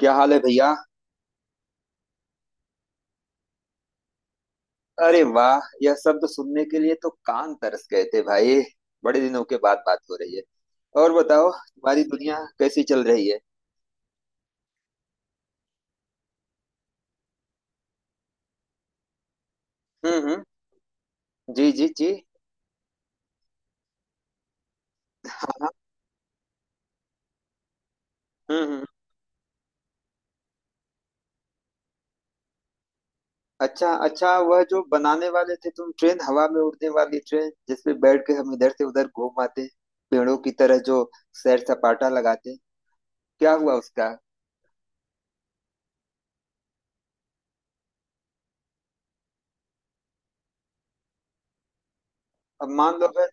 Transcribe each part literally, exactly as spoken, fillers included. क्या हाल है भैया। अरे वाह, यह शब्द सुनने के लिए तो कान तरस गए थे भाई। बड़े दिनों के बाद बात हो रही है। और बताओ, तुम्हारी दुनिया कैसी चल रही है। हम्म हम्म। जी जी जी। हाँ हाँ, हम्म हम्म। अच्छा अच्छा, वह जो बनाने वाले थे तुम ट्रेन, हवा में उड़ने वाली ट्रेन जिसपे बैठ के हम इधर से उधर घूम आते हैं, पेड़ों की तरह जो सैर सपाटा लगाते हैं, क्या हुआ उसका। अब मान लो अगर।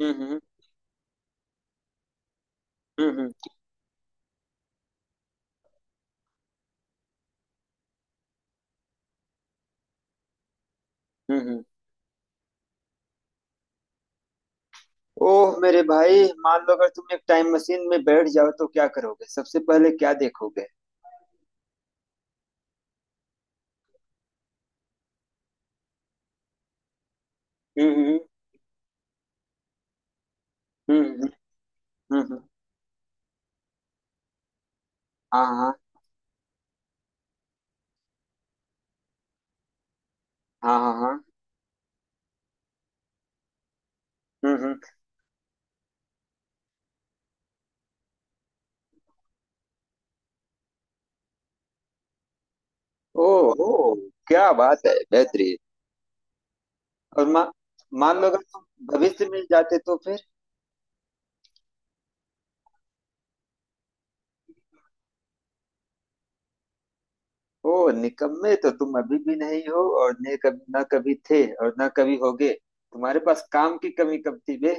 हम्म हम्म हम्म हम्म हम्म हम्म। ओह मेरे भाई, मान लो अगर तुम एक टाइम मशीन में बैठ जाओ तो क्या करोगे, सबसे पहले क्या देखोगे। हम्म हम्म। हम्म, हम्म हम्म, हाँ हाँ हाँ। हाँ हाँ। हम्म हम्म। ओह ओह, क्या बात है, बेहतरीन। और मा, मान लो अगर तुम भविष्य में जाते तो फिर। ओह, निकम्मे तो तुम अभी भी नहीं हो और ने कभी ना कभी थे और ना कभी होगे। तुम्हारे पास काम की कमी कब थी बे।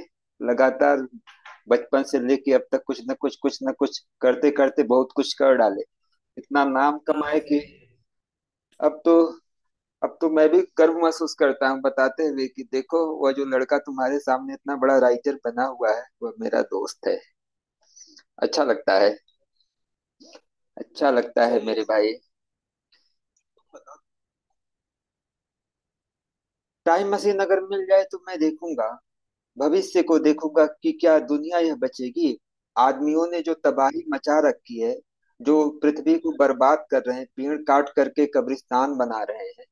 लगातार बचपन से लेके अब तक कुछ न कुछ कुछ न कुछ करते करते बहुत कुछ कर डाले। इतना नाम कमाए। हाँ कि अब तो, अब तो मैं भी गर्व महसूस करता हूँ बताते हुए कि देखो, वह जो लड़का तुम्हारे सामने इतना बड़ा राइटर बना हुआ है वह मेरा दोस्त है। अच्छा लगता है। अच्छा लगता है मेरे भाई। टाइम मशीन अगर मिल जाए तो मैं देखूंगा। भविष्य को देखूंगा कि क्या दुनिया यह बचेगी। आदमियों ने जो तबाही मचा रखी है, जो पृथ्वी को बर्बाद कर रहे हैं, पेड़ काट करके कब्रिस्तान बना रहे हैं।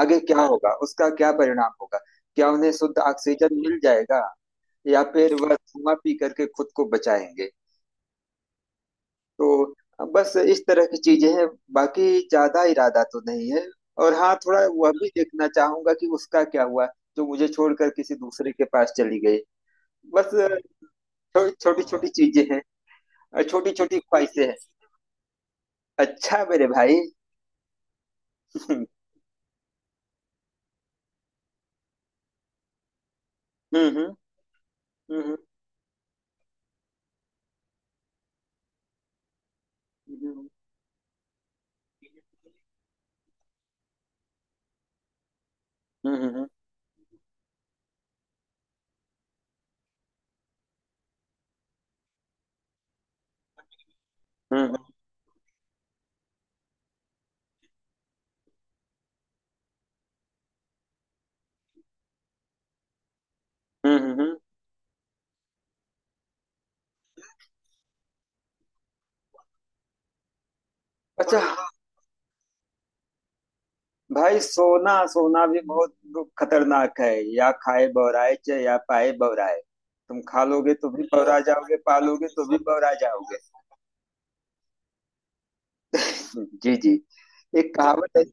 आगे क्या होगा, उसका क्या परिणाम होगा। क्या उन्हें शुद्ध ऑक्सीजन मिल जाएगा, या फिर वह धुआं पी करके खुद को बचाएंगे। तो बस इस तरह की चीजें हैं। बाकी ज्यादा इरादा तो नहीं है। और हाँ, थोड़ा वह भी देखना चाहूंगा कि उसका क्या हुआ, जो मुझे छोड़कर किसी दूसरे के पास चली गई। बस। छोटी छोटी चीजें हैं और छोटी छोटी ख्वाहिशें हैं। अच्छा मेरे भाई। हम्म हम्म हम्म हम्म हम्म हम्म हम्म हम्म हम्म, हम्म, हम्म। अच्छा। भाई सोना, सोना भी बहुत खतरनाक है। या खाए बौराए चे या पाए बौराए। तुम खा लोगे तो भी बौरा जाओगे, पालोगे तो भी बौरा जाओगे। जी जी। एक कहावत है।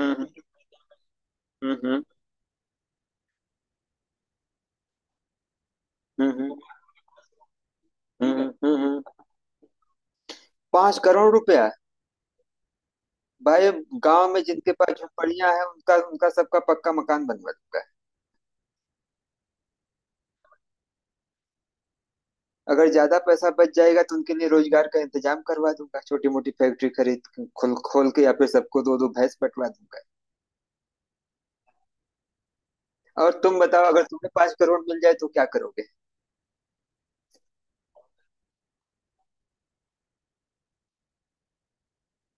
हम्म हम्म हम्म हम्म हम्म हम्म। पांच करोड़ रुपया। भाई, गांव में जिनके पास झोपड़ियां हैं उनका उनका सबका पक्का मकान बनवा दूंगा। अगर ज्यादा पैसा बच जाएगा तो उनके लिए रोजगार का इंतजाम करवा दूंगा, छोटी मोटी फैक्ट्री खरीद खोल खोल के या फिर सबको दो दो भैंस बंटवा दूंगा। और तुम बताओ, अगर तुम्हें पांच करोड़ मिल जाए तो क्या करोगे।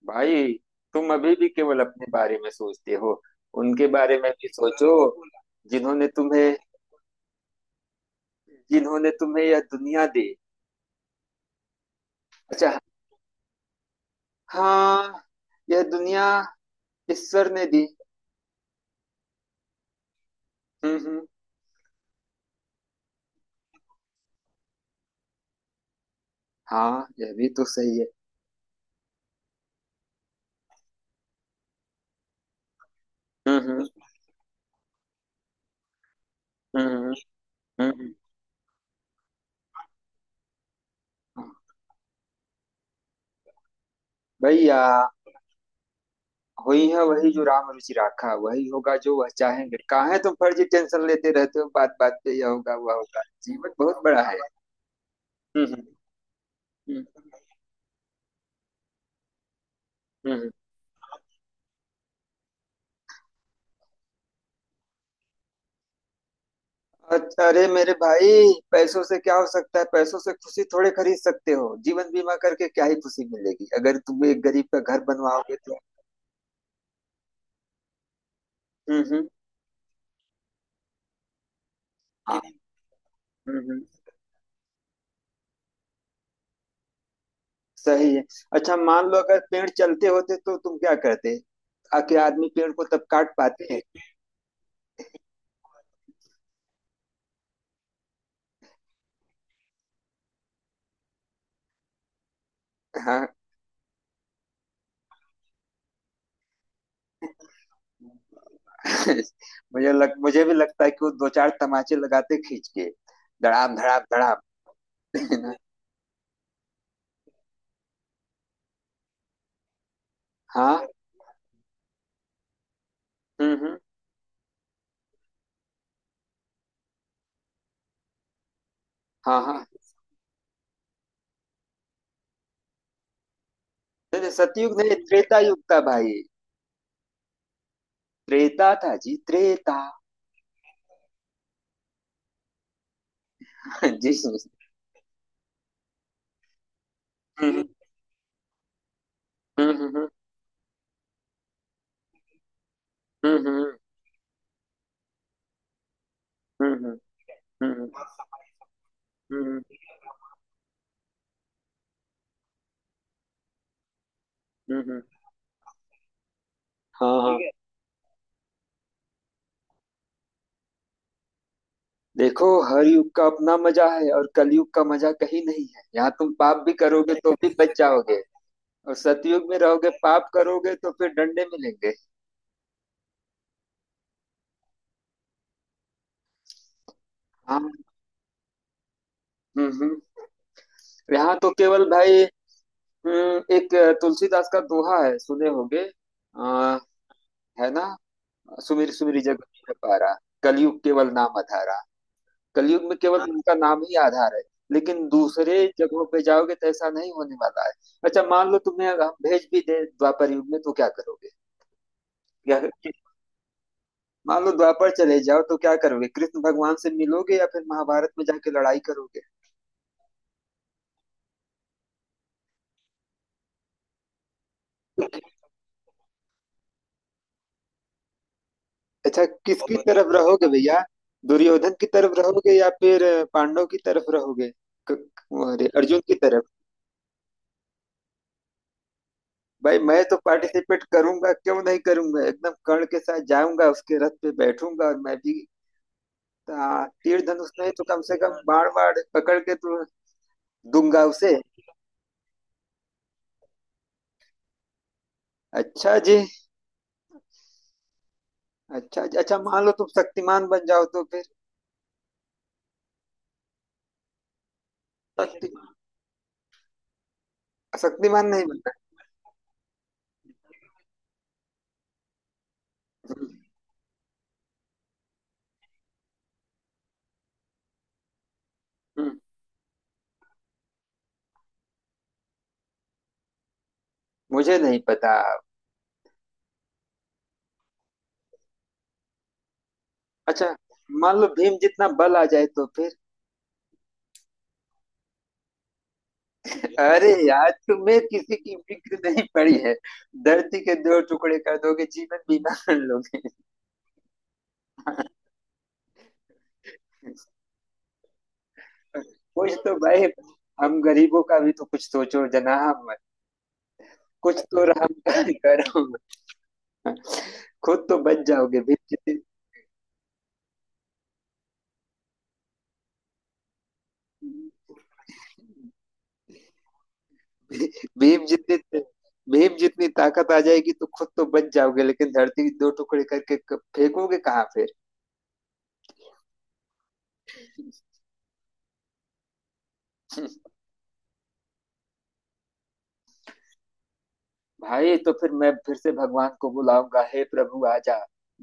भाई तुम अभी भी केवल अपने बारे में सोचते हो। उनके बारे में भी सोचो, जिन्होंने तुम्हें, जिन्होंने तुम्हें यह दुनिया दी। अच्छा। हाँ, यह दुनिया ईश्वर ने दी। हम्म हम्म। हाँ, यह भी तो सही है। हम्म हम्म। हम्म हम्म हम्म। भैया, हुई है वही जो राम रुचि राखा, वही होगा जो वह चाहेंगे। कहाँ है तुम फर्जी टेंशन लेते रहते हो, बात बात पे यह होगा वह होगा, जीवन बहुत बड़ा है। हम्म हम्म। हम्म हम्म, अ- अरे मेरे भाई, पैसों से क्या हो सकता है, पैसों से खुशी थोड़े खरीद सकते हो। जीवन बीमा करके क्या ही खुशी मिलेगी अगर तुम एक गरीब का घर बनवाओगे तो। हम्म, हम्म, हाँ। हम्म, हम्म, सही है। अच्छा मान लो अगर पेड़ चलते होते तो तुम क्या करते, आके आदमी पेड़ को तब काट पाते हैं? हाँ। मुझे लग मुझे भी लगता है कि वो दो चार तमाचे लगाते खींच के धड़ाम धड़ाम धड़ाम। हाँ। हम्म, हम्म। हाँ हाँ। नहीं नहीं, सतयुग नहीं, त्रेता युग था भाई। त्रेता था जी, त्रेता। जी। हम्म, हम्म, हम्म, हम्म, हम्म, हम्म, हम्म, हाँ हाँ, ठीक है। देखो, हर युग का अपना मजा है और कलयुग का मजा कहीं नहीं है। यहाँ तुम पाप भी करोगे तो भी बच जाओगे, और सतयुग में रहोगे पाप करोगे तो फिर डंडे मिलेंगे। हाँ। हम्म हम्म। यहाँ तो केवल भाई, हम्म, एक तुलसीदास का दोहा है, सुने होगे। आ, है ना। सुमिर सुमिर जग में पारा, कलयुग केवल नाम अधारा। कलयुग में केवल उनका नाम ही आधार है। लेकिन दूसरे जगहों पे जाओगे तो ऐसा नहीं होने वाला है। अच्छा मान लो तुम्हें हम भेज भी दे द्वापर युग में, तो क्या करोगे। या मान लो द्वापर चले जाओ तो क्या करोगे, कृष्ण भगवान से मिलोगे या फिर महाभारत में जाके लड़ाई करोगे। अच्छा, किसकी तरफ रहोगे भैया, दुर्योधन की तरफ रहोगे या फिर पांडव की तरफ रहोगे। क- क- अरे अर्जुन की तरफ। भाई मैं तो पार्टिसिपेट करूंगा, क्यों नहीं करूंगा, एकदम कर्ण के साथ जाऊंगा, उसके रथ पे बैठूंगा और मैं भी हाँ, तीर धनुष नहीं तो कम से कम बाण बाण पकड़ के तो दूंगा उसे। अच्छा जी। अच्छा जी, अच्छा मान लो तुम शक्तिमान बन जाओ तो फिर। शक्ति, शक्तिमान नहीं बनना। हम्म, हम्म, मुझे नहीं पता। अच्छा मान लो भीम जितना बल आ जाए तो फिर। अरे यार, तुम्हें किसी की फिक्र नहीं पड़ी है, धरती के दो टुकड़े कर दोगे, जीवन बीमा कर लोगे। कुछ तो भाई, हम गरीबों का भी तो कुछ सोचो जनाब। कुछ तो रहम करो। खुद तो बच जाओगे भीम जितनी भीम जितनी भीम जितनी ताकत आ जाएगी तो खुद तो बच जाओगे, लेकिन धरती दो टुकड़े करके क- फेंकोगे कहाँ फिर। भाई तो फिर मैं फिर से भगवान को बुलाऊंगा, हे प्रभु आजा,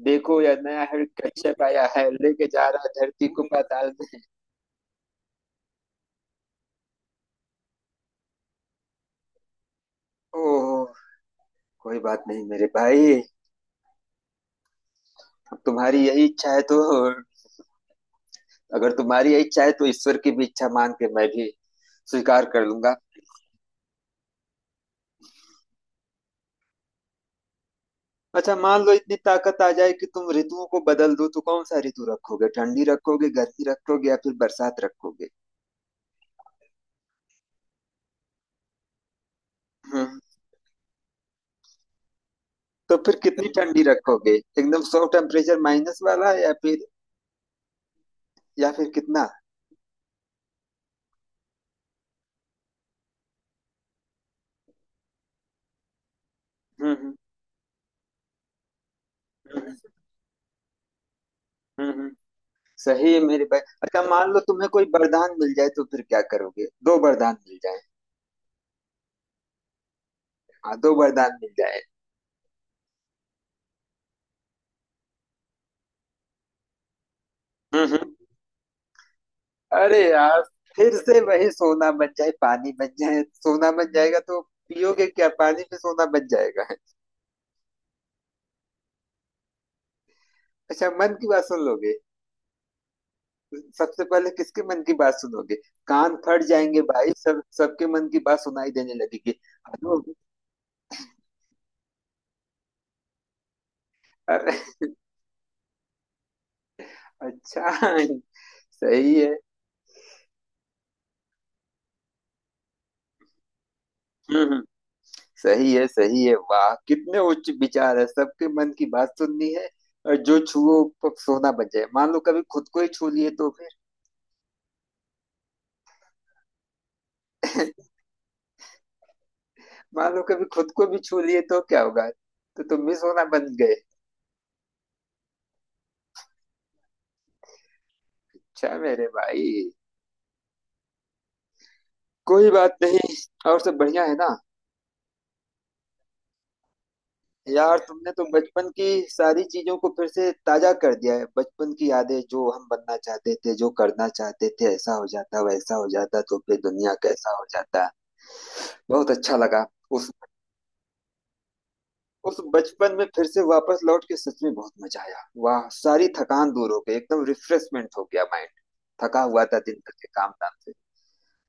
देखो यह नया हर कश्यप आया है, लेके जा रहा है धरती को पाताल में। ओह, कोई बात नहीं मेरे भाई। अब तुम्हारी यही इच्छा है तो, अगर तुम्हारी यही इच्छा है तो ईश्वर की भी इच्छा मान के मैं भी स्वीकार कर लूंगा। अच्छा मान लो इतनी ताकत आ जाए कि तुम ऋतुओं को बदल दो, तो कौन सा ऋतु रखोगे, ठंडी रखोगे, गर्मी रखोगे या फिर बरसात रखोगे। हम्म। तो फिर कितनी ठंडी रखोगे, एकदम सौ टेम्परेचर माइनस वाला, या फिर, या फिर कितना। हम्म हम्म। हम्म हम्म, सही है मेरे भाई। अच्छा मान लो तुम्हें कोई वरदान मिल जाए तो फिर क्या करोगे, दो वरदान मिल जाए। हाँ दो वरदान मिल जाए। हम्म हम्म। अरे यार, फिर से वही, सोना बन जाए, पानी बन जाए, सोना बन जाएगा तो पियोगे क्या, पानी में सोना बन जाएगा। अच्छा मन की बात सुन लोगे। सबसे पहले किसके मन की बात सुनोगे, कान फट जाएंगे भाई, सब सबके मन की बात सुनाई देने लगेगी। हेलो। अरे, अच्छा, सही है। हम्म हम्म, सही है सही है, वाह कितने उच्च विचार है, सबके मन की बात सुननी है। और जो छुओ प- सोना बन जाए, मान लो कभी खुद को ही छू लिए तो फिर। मान लो कभी खुद को भी छू लिए तो क्या होगा, तो तुम भी सोना बन गए। अच्छा मेरे भाई, कोई बात नहीं। और सब बढ़िया है ना। यार तुमने तो बचपन की सारी चीजों को फिर से ताजा कर दिया है, बचपन की यादें, जो हम बनना चाहते थे, जो करना चाहते थे, ऐसा हो जाता वैसा हो जाता तो फिर दुनिया कैसा हो जाता। बहुत अच्छा लगा। उस उस बचपन में फिर से वापस लौट के सच में बहुत मजा आया, वाह सारी थकान दूर हो गई, एकदम रिफ्रेशमेंट हो गया माइंड, थका हुआ था दिन भर के काम धाम से।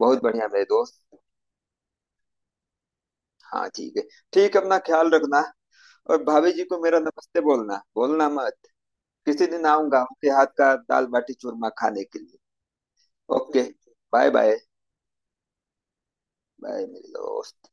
बहुत बढ़िया मेरे दोस्त। हाँ ठीक है। ठीक है, अपना ख्याल रखना, और भाभी जी को मेरा नमस्ते बोलना, बोलना मत। किसी दिन आऊंगा आपके हाथ का दाल बाटी चूरमा खाने के लिए। ओके। Bye bye. बाय मेरे दोस्त।